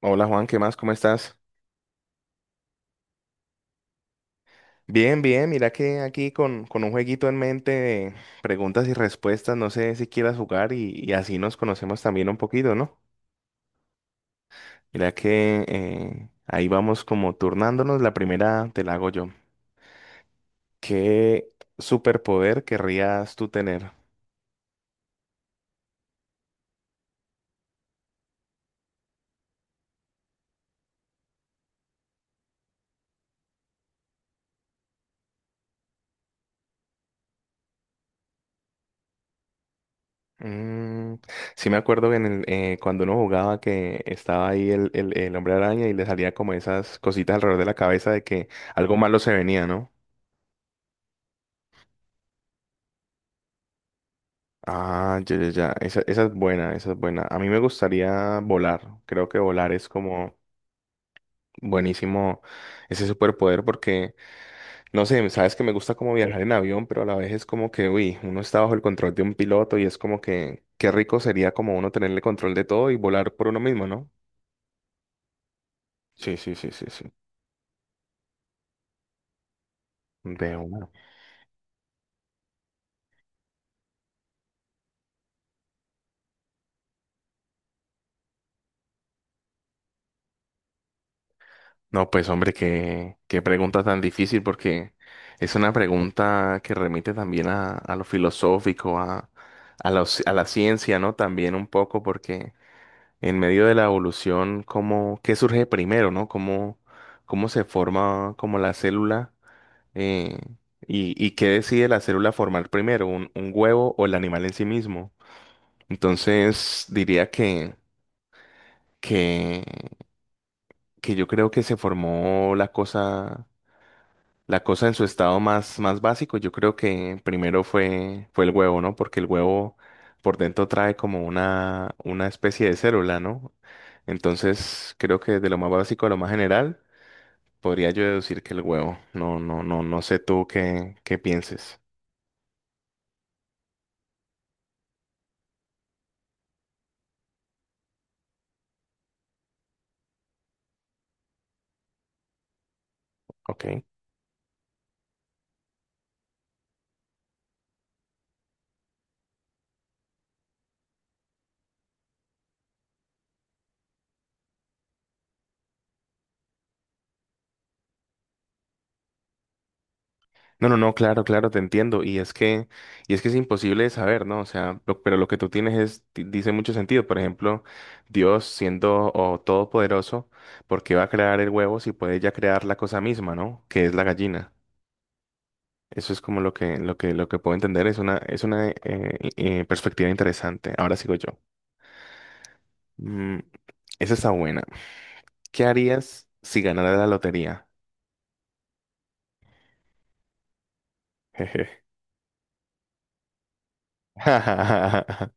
Hola Juan, ¿qué más? ¿Cómo estás? Bien, bien, mira que aquí con un jueguito en mente de preguntas y respuestas, no sé si quieras jugar y así nos conocemos también un poquito, ¿no? Mira que ahí vamos como turnándonos, la primera te la hago yo. ¿Qué superpoder querrías tú tener? Mm, sí me acuerdo que cuando uno jugaba que estaba ahí el hombre araña y le salía como esas cositas alrededor de la cabeza de que algo malo se venía, ¿no? Ah, ya, ya, ya. Esa es buena, esa es buena. A mí me gustaría volar. Creo que volar es como buenísimo ese superpoder porque, no sé, sabes que me gusta como viajar en avión, pero a la vez es como que, uy, uno está bajo el control de un piloto y es como que, qué rico sería como uno tenerle control de todo y volar por uno mismo, ¿no? Sí, sí, sí, sí, sí. De una. No, pues hombre, qué pregunta tan difícil porque es una pregunta que remite también a lo filosófico, a la ciencia, ¿no? También un poco porque en medio de la evolución, ¿qué surge primero, no? ¿Cómo se forma como la célula eh, y qué decide la célula formar primero, un huevo o el animal en sí mismo? Entonces diría que, que, que yo creo que se formó la cosa. La cosa en su estado más básico, yo creo que primero fue el huevo, ¿no? Porque el huevo por dentro trae como una especie de célula, ¿no? Entonces, creo que de lo más básico a lo más general, podría yo deducir que el huevo. No, no, no, no sé tú qué pienses. Ok. No, no, no, claro, claro, te entiendo. Y es que es imposible de saber, ¿no? O sea, pero lo que tú tienes es, dice mucho sentido. Por ejemplo, Dios siendo o todopoderoso, ¿por qué va a crear el huevo si puede ya crear la cosa misma, no? Que es la gallina. Eso es como lo que puedo entender. Es una perspectiva interesante. Ahora sigo yo. Mm, Esa está buena. ¿Qué harías si ganara la lotería? Jeje.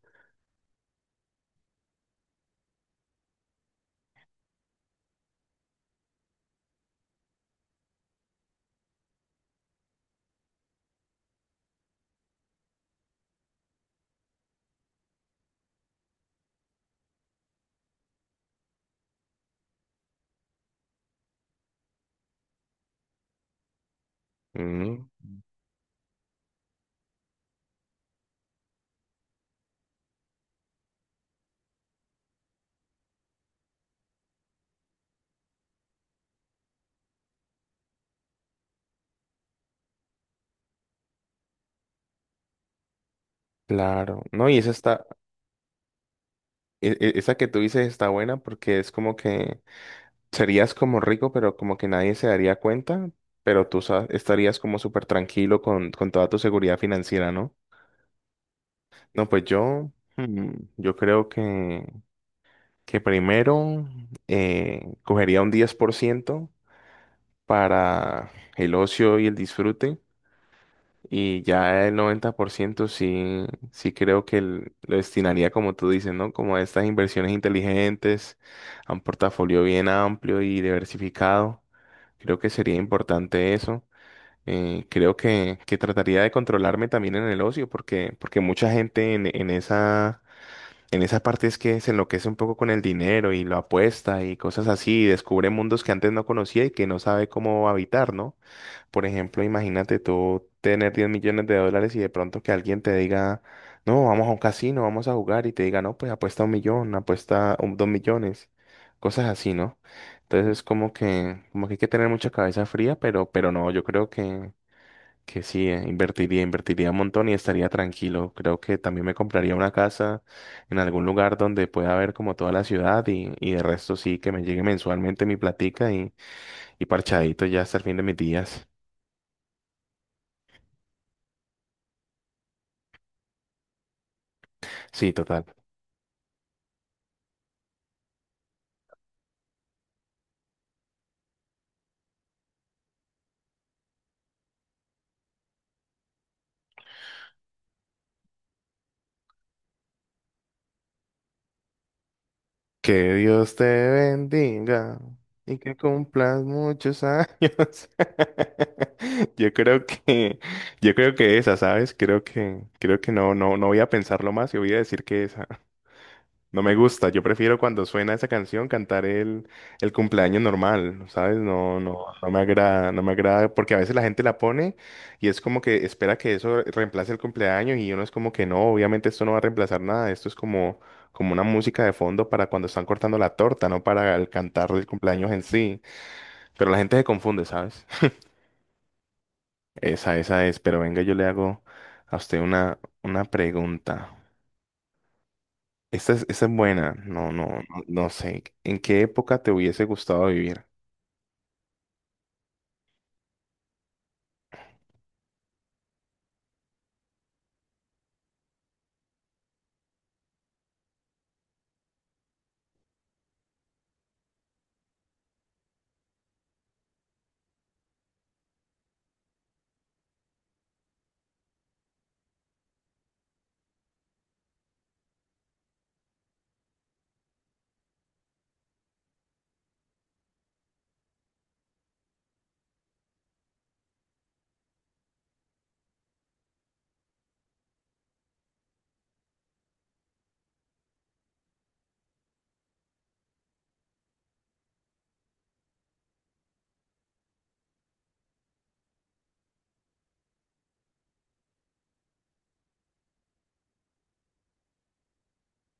Mm, claro. No, y esa está. Esa que tú dices está buena porque es como que serías como rico, pero como que nadie se daría cuenta, pero estarías como súper tranquilo con toda tu seguridad financiera, ¿no? No, pues hmm, yo creo que primero cogería un 10% para el ocio y el disfrute. Y ya el 90% sí, sí creo que lo destinaría, como tú dices, ¿no? Como a estas inversiones inteligentes, a un portafolio bien amplio y diversificado. Creo que sería importante eso. Creo que trataría de controlarme también en el ocio, porque mucha gente en esa parte es que se enloquece un poco con el dinero y lo apuesta y cosas así, y descubre mundos que antes no conocía y que no sabe cómo habitar, ¿no? Por ejemplo, imagínate tú tener 10 millones de dólares y de pronto que alguien te diga, no, vamos a un casino, vamos a jugar y te diga, no, pues apuesta 1 millón, apuesta 2 millones, cosas así, ¿no? Entonces como que hay que tener mucha cabeza fría, pero no, yo creo que sí, invertiría un montón y estaría tranquilo. Creo que también me compraría una casa en algún lugar donde pueda ver como toda la ciudad y de resto sí, que me llegue mensualmente mi platica y parchadito ya hasta el fin de mis días. Sí, total. Que Dios te bendiga y que cumplas muchos años. Yo creo que, yo creo que esa, ¿sabes? Creo que no, no, no voy a pensarlo más y voy a decir que esa. No me gusta, yo prefiero cuando suena esa canción cantar el cumpleaños normal, ¿sabes? No, no, no me agrada, no me agrada, porque a veces la gente la pone y es como que espera que eso reemplace el cumpleaños y uno es como que no, obviamente esto no va a reemplazar nada, esto es como una música de fondo para cuando están cortando la torta, no para el cantar el cumpleaños en sí, pero la gente se confunde, ¿sabes? Esa es, pero venga, yo le hago a usted una pregunta. Esta es buena. No, no, no, no sé. ¿En qué época te hubiese gustado vivir?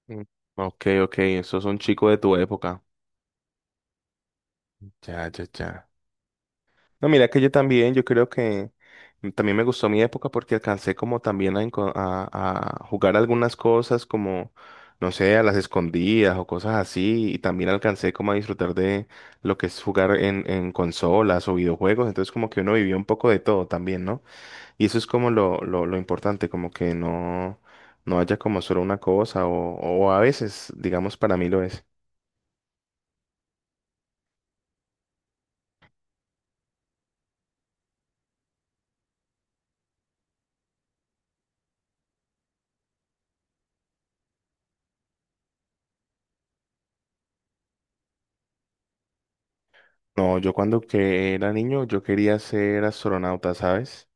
Mm, Ok, ok, sos un chico de tu época. Ya, ya, ya. No, mira que yo también, yo creo que también me gustó mi época porque alcancé como también a jugar algunas cosas como, no sé, a las escondidas o cosas así. Y también alcancé como a disfrutar de lo que es jugar en consolas o videojuegos. Entonces como que uno vivió un poco de todo también, ¿no? Y eso es como lo importante, como que no, no haya como solo una cosa, o a veces, digamos, para mí lo es. No, yo cuando que era niño, yo quería ser astronauta, ¿sabes?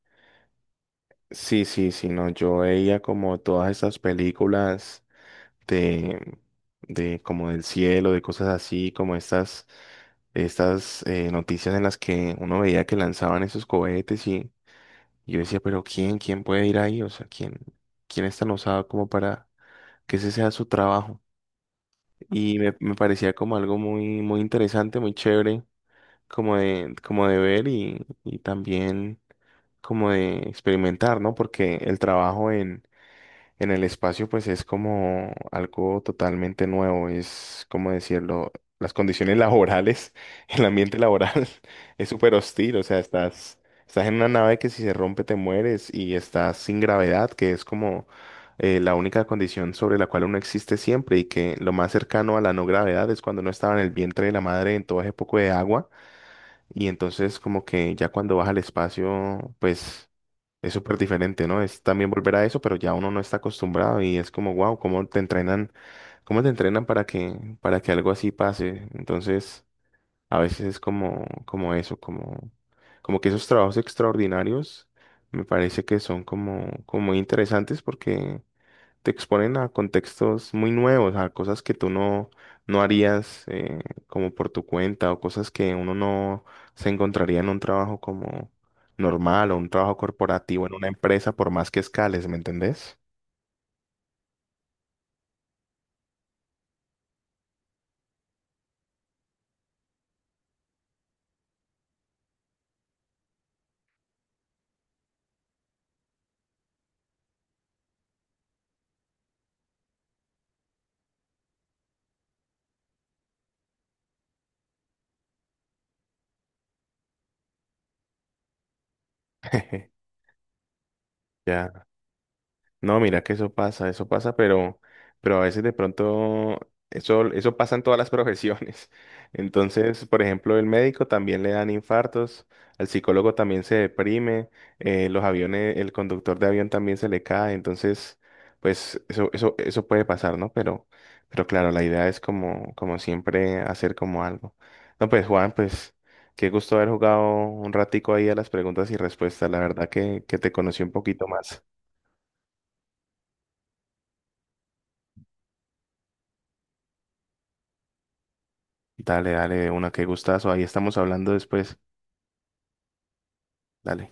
Sí, sí, sí, no, yo veía como todas estas películas de, de como del cielo, de cosas así, como estas noticias en las que uno veía que lanzaban esos cohetes y yo decía, pero ¿quién puede ir ahí? O sea, ¿quién es tan osado como para que ese sea su trabajo. Y me parecía como algo muy, muy interesante, muy chévere, como de ver y también como de experimentar, ¿no? Porque el trabajo en el espacio, pues es como algo totalmente nuevo, es como decirlo, las condiciones laborales, el ambiente laboral es súper hostil, o sea, estás en una nave que si se rompe te mueres y estás sin gravedad, que es como la única condición sobre la cual uno existe siempre y que lo más cercano a la no gravedad es cuando uno estaba en el vientre de la madre en todo ese poco de agua y entonces como que ya cuando vas al espacio, pues es súper diferente, ¿no? Es también volver a eso, pero ya uno no está acostumbrado y es como, wow, ¿cómo te entrenan? ¿Cómo te entrenan para que algo así pase? Entonces, a veces es como, como eso, como que esos trabajos extraordinarios me parece que son como muy interesantes porque te exponen a contextos muy nuevos, a cosas que tú no harías como por tu cuenta o cosas que uno no se encontraría en un trabajo como normal o un trabajo corporativo en una empresa por más que escales, ¿me entendés? Ya. No, mira que eso pasa, pero a veces de pronto eso pasa en todas las profesiones. Entonces, por ejemplo, el médico también le dan infartos, al psicólogo también se deprime, los aviones, el conductor de avión también se le cae. Entonces, pues eso puede pasar, ¿no? Pero claro, la idea es como, como siempre hacer como algo. No, pues Juan, pues qué gusto haber jugado un ratico ahí a las preguntas y respuestas. La verdad que te conocí un poquito más. Dale, dale, de una que gustazo. Ahí estamos hablando después. Dale.